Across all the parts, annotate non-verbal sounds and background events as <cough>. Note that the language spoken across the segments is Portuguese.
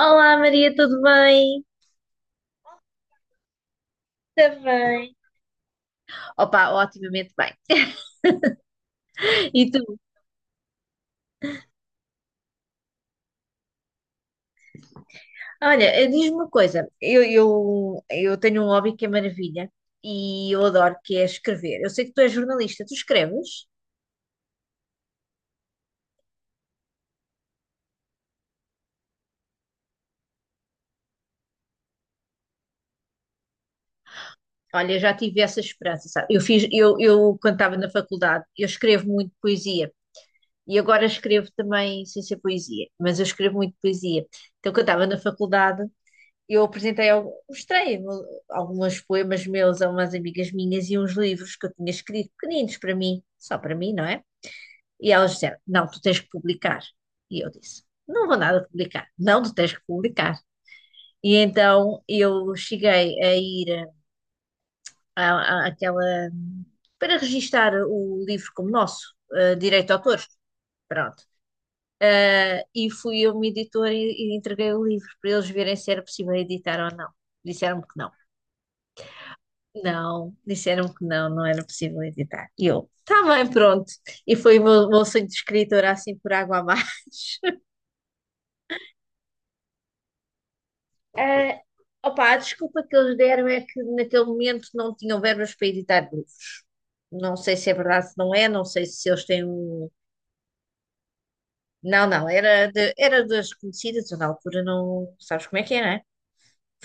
Olá Maria, tudo bem? Está bem. Opa, otimamente bem. E tu? Olha, diz-me uma coisa, eu tenho um hobby que é maravilha e eu adoro, que é escrever. Eu sei que tu és jornalista, tu escreves? Olha, eu já tive essa esperança, sabe? Eu fiz, eu quando estava na faculdade, eu escrevo muito poesia e agora escrevo também sem ser poesia, mas eu escrevo muito poesia. Então, quando estava na faculdade, eu apresentei, mostrei alguns poemas meus a umas amigas minhas e uns livros que eu tinha escrito, pequeninos para mim, só para mim, não é? E elas disseram: não, tu tens que publicar. E eu disse: não vou nada publicar. Não, tu tens que publicar. E então eu cheguei a ir àquela, para registar o livro como nosso, direito de autor. Pronto. E fui a uma editora e entreguei o livro para eles verem se era possível editar ou não. Disseram-me que não. Não, disseram que não, não era possível editar. E eu, tá bem, pronto. E foi o meu sonho de escritora, assim, por água abaixo. <laughs> Eh, opa, a desculpa que eles deram é que naquele momento não tinham verbas para editar livros. Não sei se é verdade, se não é, não sei se eles têm um... Não, era, de, era das conhecidas, eu na altura não... Sabes como é que é, né?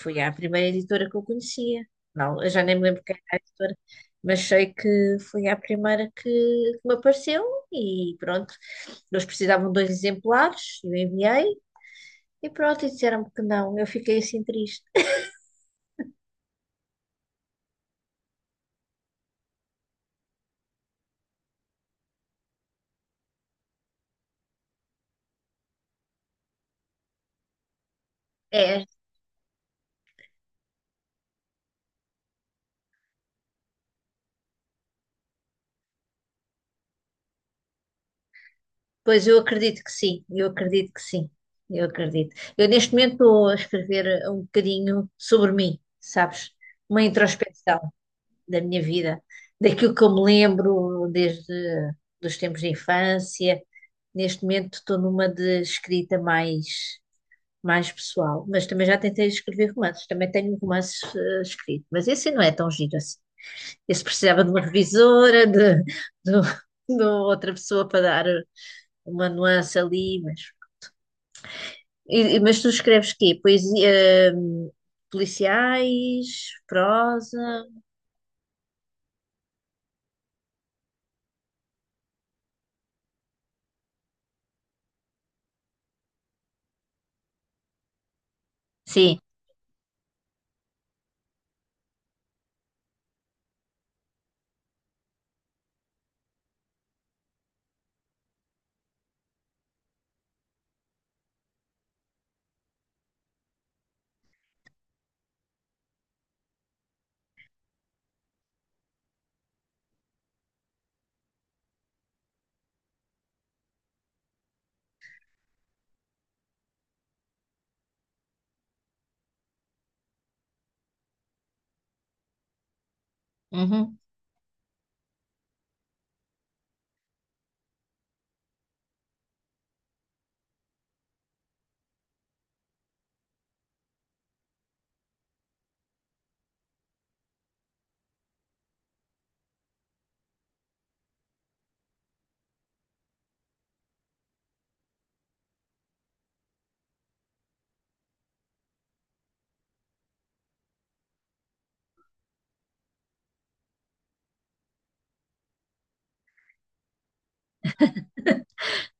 Foi a primeira editora que eu conhecia. Não, eu já nem me lembro quem era a editora, mas sei que foi a primeira que me apareceu e pronto. Eles precisavam de dois exemplares, eu enviei e pronto, e disseram-me que não. Eu fiquei assim triste. É, pois eu acredito que sim, eu acredito que sim, eu acredito. Eu neste momento estou a escrever um bocadinho sobre mim, sabes? Uma introspecção da minha vida, daquilo que eu me lembro desde dos tempos de infância. Neste momento estou numa de escrita mais pessoal, mas também já tentei escrever romances, também tenho romances escritos, mas esse não é tão giro assim. Esse precisava de uma revisora, de outra pessoa para dar uma nuance ali, mas, mas tu escreves quê? Poesia, policiais, prosa? Sim. Uhum.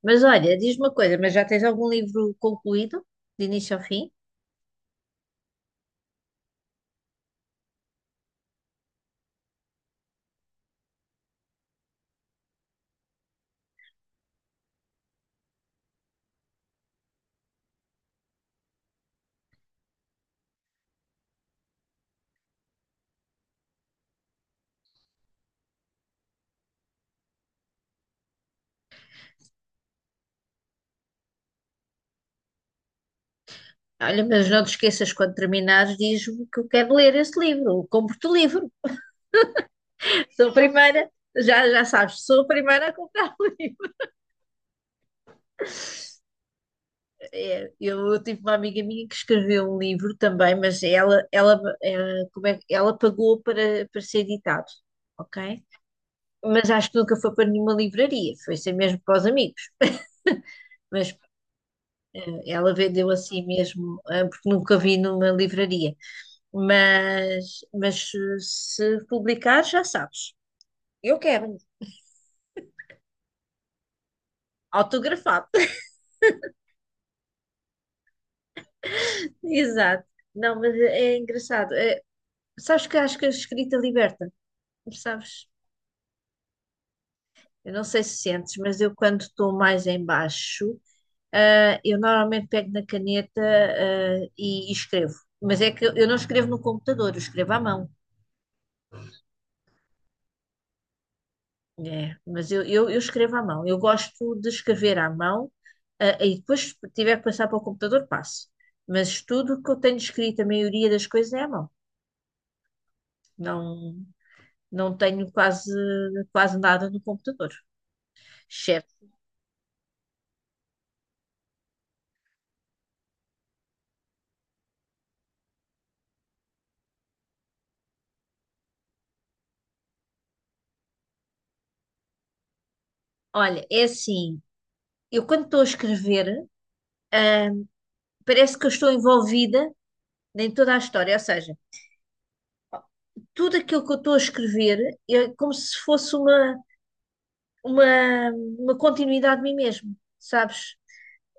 Mas olha, diz-me uma coisa, mas já tens algum livro concluído, de início ao fim? Olha, mas não te esqueças, quando terminares, diz-me que eu quero ler esse livro, compro-te o livro. <laughs> Sou a primeira, já sabes, sou a primeira a comprar o livro. É, eu tive uma amiga minha que escreveu um livro também, mas ela como é, ela pagou para ser editado, ok? Mas acho que nunca foi para nenhuma livraria, foi ser mesmo para os amigos. Mas ela vendeu assim mesmo, porque nunca vi numa livraria. Mas se publicar, já sabes. Eu quero, autografado. <laughs> Exato. Não, mas é engraçado. É, sabes que acho que a escrita liberta, sabes? Eu não sei se sentes, mas eu quando estou mais em baixo, eu normalmente pego na caneta, e escrevo. Mas é que eu não escrevo no computador, eu escrevo à mão. É, mas eu escrevo à mão. Eu gosto de escrever à mão, e depois se tiver que passar para o computador, passo. Mas tudo o que eu tenho escrito, a maioria das coisas é à mão. Não, não tenho quase nada no computador. Chefe, olha, é assim, eu quando estou a escrever, ah, parece que eu estou envolvida em toda a história, ou seja, tudo aquilo que eu estou a escrever é como se fosse uma, uma continuidade de mim mesmo, sabes?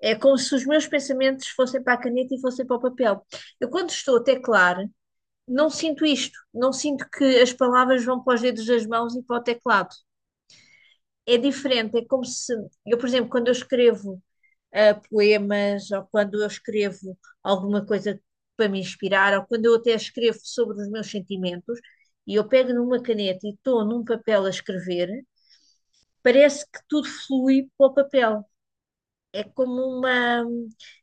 É como se os meus pensamentos fossem para a caneta e fossem para o papel. Eu, quando estou a teclar, não sinto isto, não sinto que as palavras vão para os dedos das mãos e para o teclado. É diferente, é como se eu, por exemplo, quando eu escrevo poemas ou quando eu escrevo alguma coisa para me inspirar ou quando eu até escrevo sobre os meus sentimentos e eu pego numa caneta e estou num papel a escrever, parece que tudo flui para o papel. É como uma,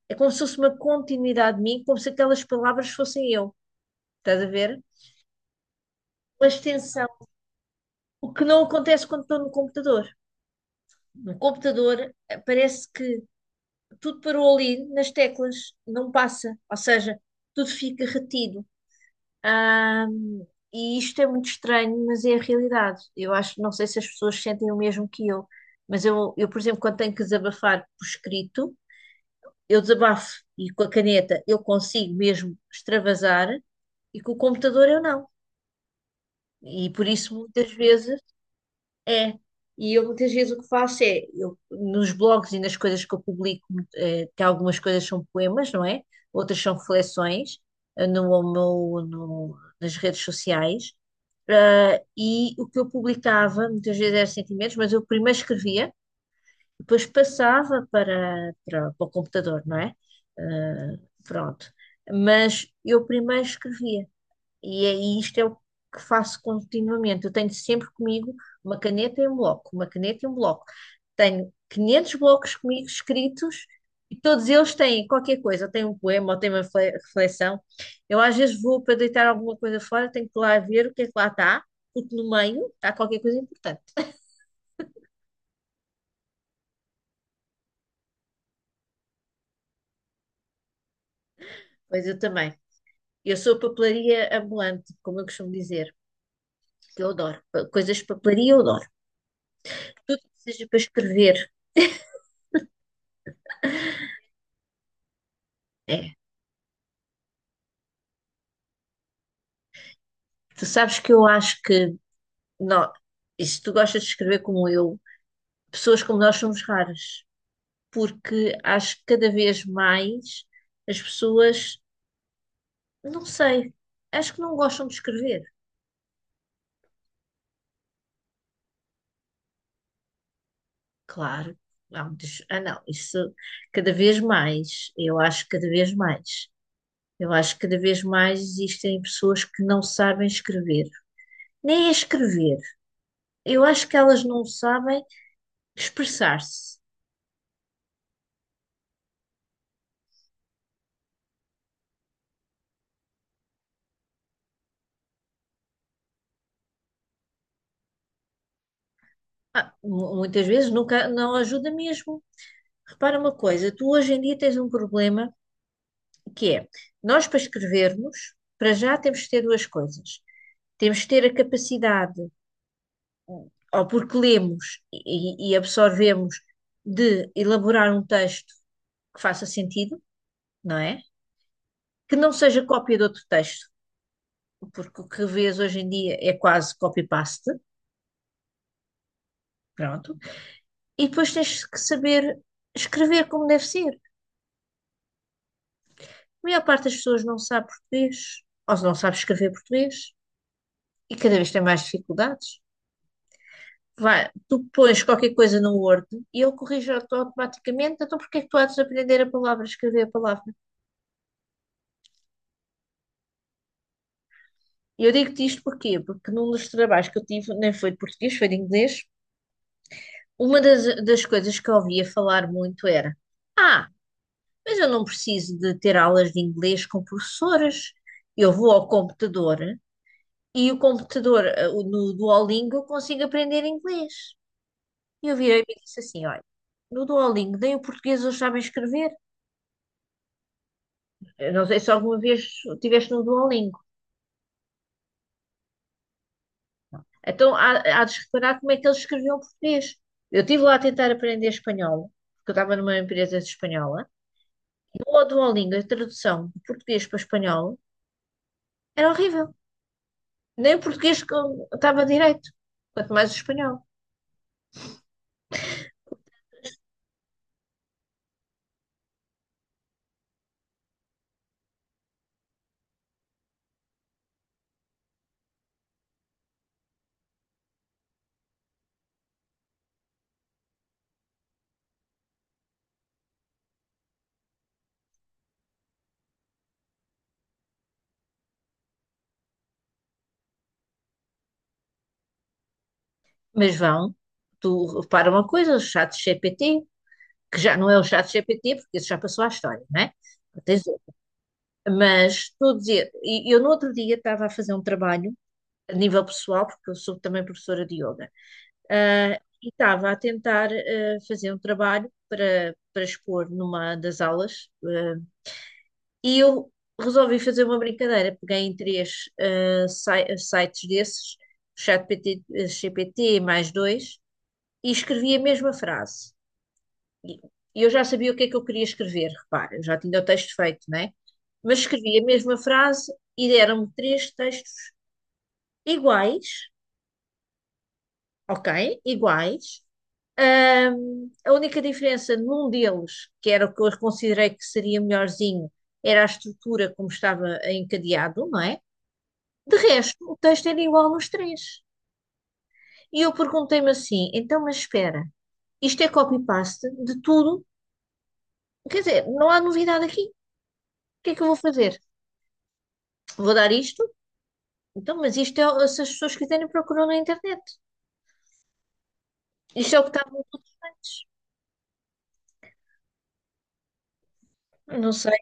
é como se fosse uma continuidade de mim, como se aquelas palavras fossem eu. Estás a ver? Uma extensão. O que não acontece quando estou no computador. No computador parece que tudo parou ali nas teclas, não passa, ou seja, tudo fica retido. Ahm, e isto é muito estranho, mas é a realidade. Eu acho, não sei se as pessoas sentem o mesmo que eu, mas eu, por exemplo, quando tenho que desabafar por escrito, eu desabafo e com a caneta eu consigo mesmo extravasar e com o computador eu não. E por isso muitas vezes é, e eu muitas vezes o que faço é, eu, nos blogs e nas coisas que eu publico, que algumas coisas são poemas, não é? Outras são reflexões, no, nas redes sociais. E o que eu publicava, muitas vezes eram sentimentos, mas eu primeiro escrevia, depois passava para o computador, não é? Ah, Pronto. Mas eu primeiro escrevia. E é isto é o que faço continuamente. Eu tenho sempre comigo uma caneta e um bloco, uma caneta e um bloco. Tenho 500 blocos comigo escritos e todos eles têm qualquer coisa. Ou têm um poema, ou têm uma reflexão. Eu às vezes vou para deitar alguma coisa fora, tenho que lá ver o que é que lá está, porque no meio está qualquer coisa importante. Pois eu também. Eu sou papelaria ambulante, como eu costumo dizer, que eu adoro. Coisas de papelaria eu adoro. Tudo que seja para escrever, é. Tu sabes que eu acho que não, e se tu gostas de escrever como eu, pessoas como nós somos raras, porque acho que cada vez mais as pessoas, não sei, acho que não gostam de escrever. Claro, ah não, isso cada vez mais, eu acho que cada vez mais, eu acho que cada vez mais existem pessoas que não sabem escrever, nem é escrever. Eu acho que elas não sabem expressar-se. Ah, muitas vezes nunca, não ajuda mesmo. Repara uma coisa, tu hoje em dia tens um problema que é, nós para escrevermos, para já temos que ter duas coisas. Temos que ter a capacidade, ou porque lemos e absorvemos, de elaborar um texto que faça sentido, não é? Que não seja cópia de outro texto, porque o que vês hoje em dia é quase copy-paste, pronto. E depois tens que saber escrever como deve ser. A maior parte das pessoas não sabe português, ou não sabe escrever português, e cada vez tem mais dificuldades. Vai, tu pões qualquer coisa no Word e ele corrige automaticamente, então porquê é que tu há de aprender a palavra, escrever a palavra? E eu digo-te isto porquê? Porque num dos trabalhos que eu tive, nem foi de português, foi de inglês, uma das coisas que eu ouvia falar muito era: ah, mas eu não preciso de ter aulas de inglês com professoras, eu vou ao computador e o computador, no Duolingo, eu consigo aprender inglês. E eu virei e disse assim: olha, no Duolingo, nem o português eles sabem escrever. Eu não sei se alguma vez estiveste no Duolingo. Então há de se reparar como é que eles escreviam português. Eu estive lá a tentar aprender espanhol, porque eu estava numa empresa espanhola. E o Duolingo, a tradução de português para espanhol, era horrível. Nem o português que eu estava direito, quanto mais o espanhol. Mas vão, tu repara uma coisa, o chat GPT, que já não é o chat GPT, porque isso já passou à história, não é? Tens mas todos e eu no outro dia estava a fazer um trabalho a nível pessoal, porque eu sou também professora de yoga, e estava a tentar fazer um trabalho para expor numa das aulas, e eu resolvi fazer uma brincadeira. Peguei em três sites desses, ChatGPT, GPT mais dois, e escrevi a mesma frase. E e eu já sabia o que é que eu queria escrever, repara, eu já tinha o texto feito, né? Mas escrevi a mesma frase e deram-me três textos iguais, ok? Iguais. A única diferença num deles, que era o que eu considerei que seria melhorzinho, era a estrutura como estava encadeado, não é? De resto, o texto era igual nos três. E eu perguntei-me assim: então, mas espera, isto é copy-paste de tudo? Quer dizer, não há novidade aqui. O que é que eu vou fazer? Vou dar isto. Então, mas isto é, se as pessoas quiserem procuram na internet. Isto é o que está nos outros. Não sei.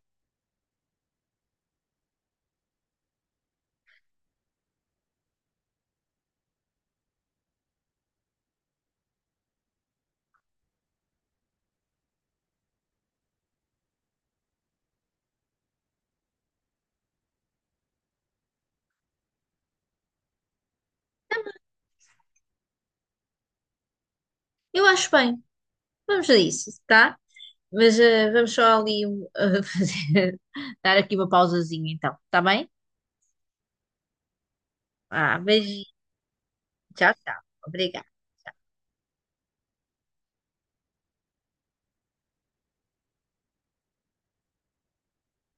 Eu acho bem. Vamos a isso, tá? Mas vamos só ali <laughs> fazer, dar aqui uma pausazinha, então. Tá bem? Ah, beijinho. Tchau, tchau. Obrigada.